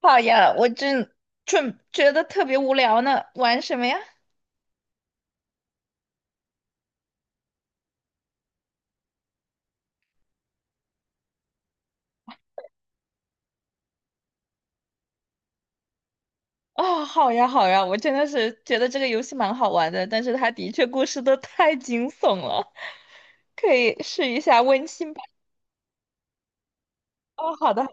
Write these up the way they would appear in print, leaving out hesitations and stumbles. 好呀，我真正觉得特别无聊呢，玩什么呀？哦，好呀，好呀，我真的是觉得这个游戏蛮好玩的，但是它的确故事都太惊悚了，可以试一下温馨版。哦，好的。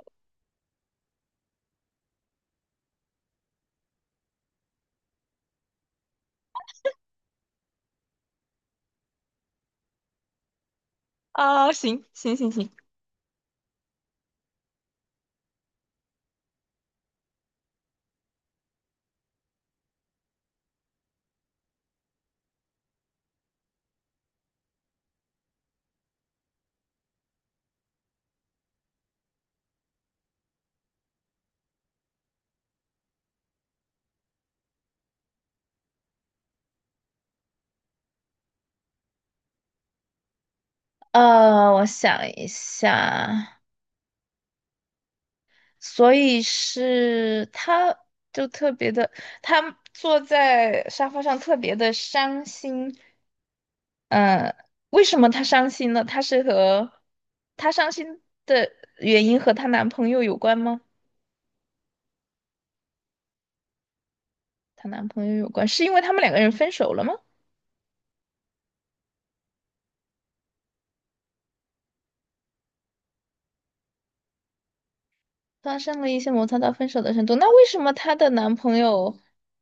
啊、行行行行，我想一下，所以是他就特别的，他坐在沙发上特别的伤心。呃，为什么她伤心呢？她是和她伤心的原因和她男朋友有关吗？她男朋友有关，是因为他们两个人分手了吗？发生了一些摩擦到分手的程度，那为什么她的男朋友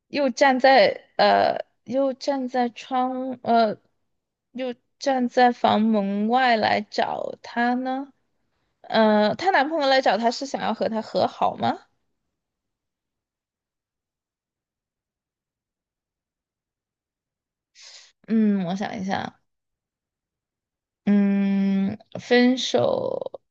又站在又站在房门外来找她呢？呃，她男朋友来找她是想要和她和好吗？嗯，我想一下，嗯，分手。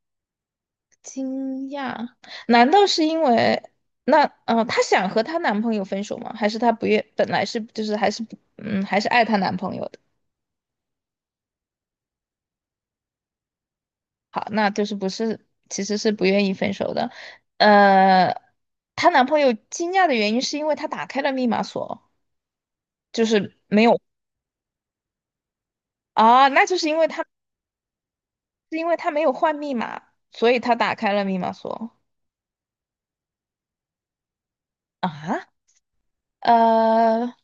惊讶？难道是因为那她想和她男朋友分手吗？还是她不愿，本来是就是还是不嗯，还是爱她男朋友的？好，那就是不是，其实是不愿意分手的。呃，她男朋友惊讶的原因是因为她打开了密码锁，就是没有。啊，那就是因为她没有换密码，所以她打开了密码锁。啊。呃，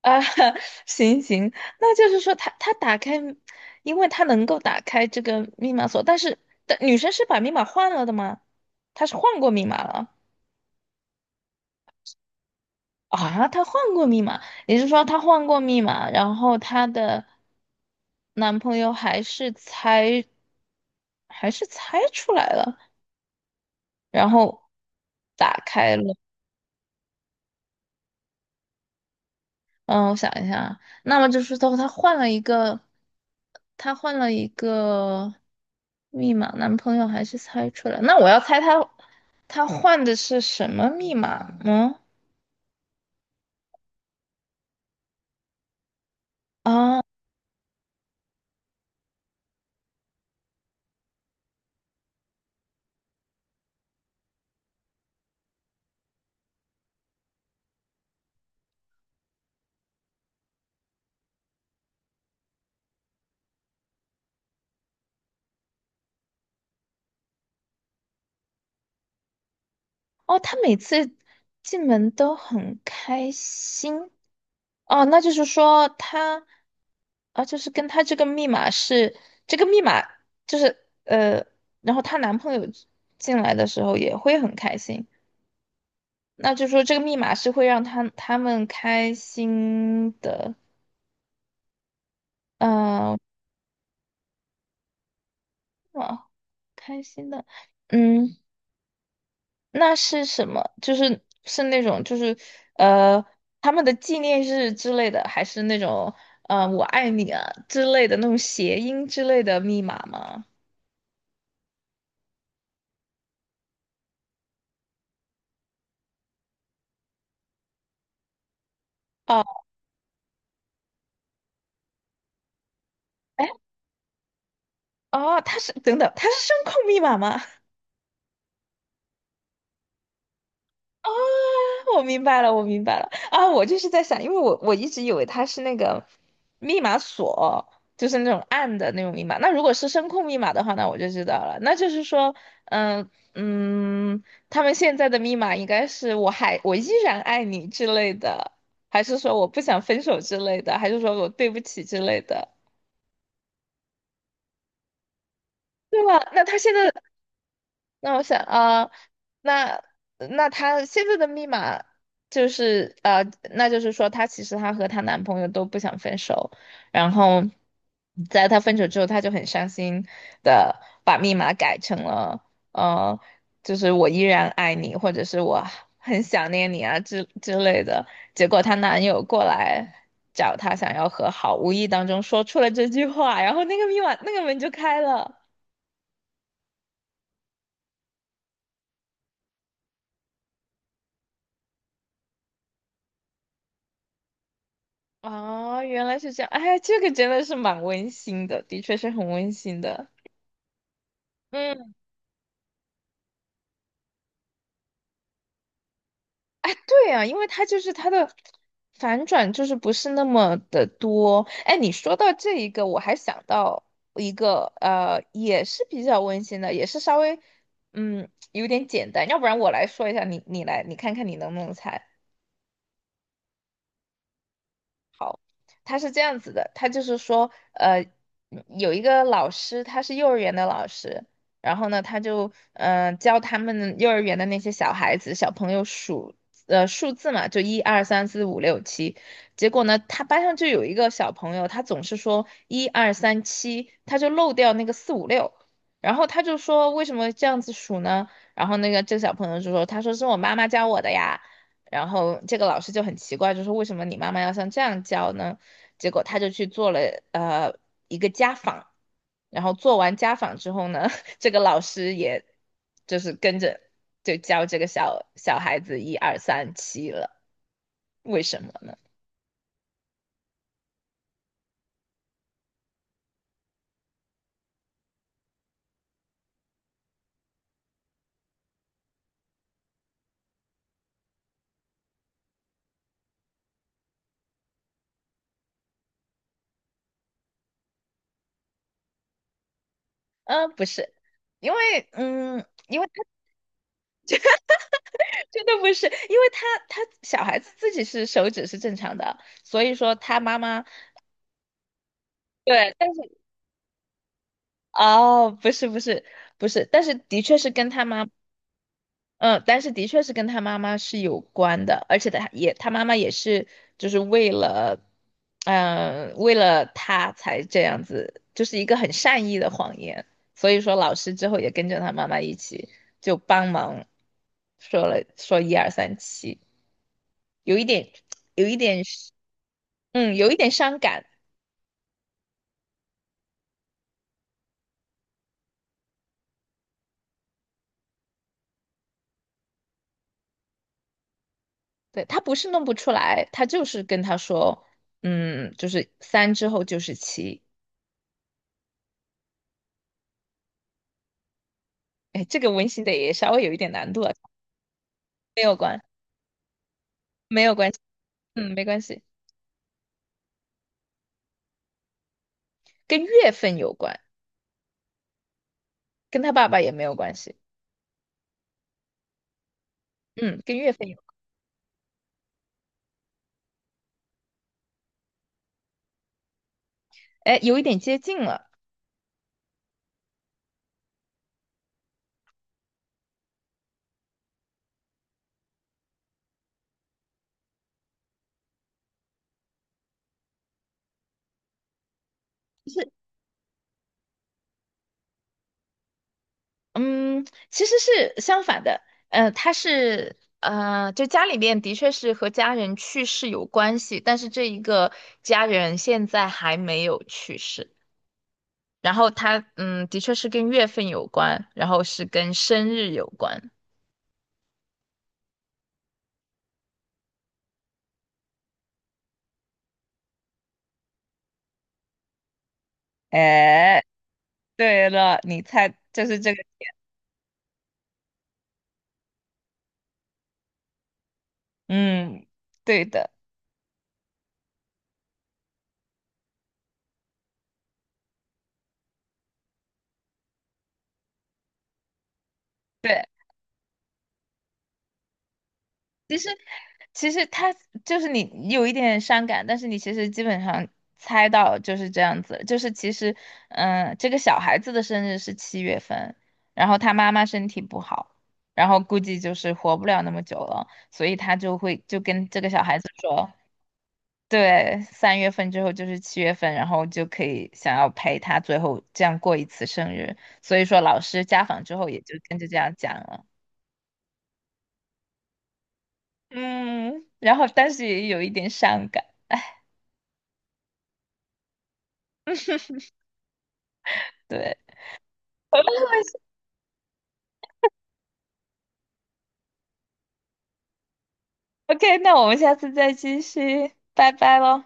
啊，行行，那就是说他打开，因为他能够打开这个密码锁，但是但女生是把密码换了的吗？她是换过密码了。啊？她换过密码，也就是说她换过密码，然后她的男朋友还是猜，还是猜出来了，然后打开了。嗯，我想一下啊，那么就是说她换了一个，她换了一个密码，男朋友还是猜出来。那我要猜她，她换的是什么密码呢？啊。哦，她每次进门都很开心。哦，那就是说她，啊，就是跟她这个密码是这个密码，就是呃，然后她男朋友进来的时候也会很开心。那就说这个密码是会让他他们开心的。嗯、呃，啊，开心的。嗯，那是什么？就是是那种呃他们的纪念日之类的，还是那种我爱你啊之类的那种谐音之类的密码吗？哦，哎，哦，它是等等，它是声控密码吗？哦。我明白了，我明白了啊！我就是在想，因为我一直以为它是那个密码锁，就是那种暗的那种密码。那如果是声控密码的话，那我就知道了。那就是说，嗯嗯，他们现在的密码应该是"我依然爱你"之类的，还是说我不想分手之类的，还是说我对不起之类的，对吧？那他现在那我想啊、呃那那她现在的密码就是呃，那就是说她其实她和她男朋友都不想分手，然后在她分手之后，她就很伤心的把密码改成了呃，就是我依然爱你，或者是我很想念你啊之类的。结果她男友过来。找她想要和好，无意当中说出了这句话，然后那个密码那个门就开了。哦，原来是这样，哎，这个真的是蛮温馨的，的确是很温馨的。嗯，哎，对啊，因为它就是它的反转就是不是那么的多。哎，你说到这一个，我还想到一个，呃，也是比较温馨的，也是稍微，嗯，有点简单。要不然我来说一下，你来，你看看你能不能猜。他是这样子的，他就是说，有一个老师，他是幼儿园的老师，然后呢，他就教他们幼儿园的那些小孩子、小朋友数数字嘛，就一二三四五六七。结果呢，他班上就有一个小朋友，他总是说一二三七，他就漏掉那个四五六，然后他就说为什么这样子数呢？然后那个这个小朋友就说，他说是我妈妈教我的呀。然后这个老师就很奇怪，就说为什么你妈妈要像这样教呢？结果他就去做了呃一个家访，然后做完家访之后呢，这个老师也就是跟着就教这个小小孩子一二三七了，为什么呢？嗯、不是，因为他真的不是，因为他小孩子自己是手指是正常的，所以说他妈妈对，但是哦，不是，但是的确是跟他妈。嗯，但是的确是跟他妈妈是有关的，而且他妈妈也是就是为了，为了他才这样子，就是一个很善意的谎言。所以说老师之后也跟着他妈妈一起就帮忙说一二三七，有一点有一点嗯有一点伤感。对，他不是弄不出来，他就是跟他说，嗯，就是三之后就是七。哎，这个温馨的也稍微有一点难度啊。没有关，没有关系，嗯，没关系，跟月份有关，跟他爸爸也没有关系。嗯，跟月份有，哎，有一点接近了。嗯，其实是相反的，呃，他是，就家里面的确是和家人去世有关系，但是这一个家人现在还没有去世，然后他，嗯，的确是跟月份有关，然后是跟生日有关。哎，对了，你猜就是这个。嗯，对的，对，其实其实他就是你有一点伤感，但是你其实基本上猜到就是这样子，就是其实，嗯，这个小孩子的生日是七月份，然后他妈妈身体不好，然后估计就是活不了那么久了，所以他就会就跟这个小孩子说，对，3月份之后就是七月份，然后就可以想要陪他最后这样过一次生日，所以说老师家访之后也就跟着这样讲了。嗯，然后但是也有一点伤感，对。OK，那我们下次再继续，拜拜喽。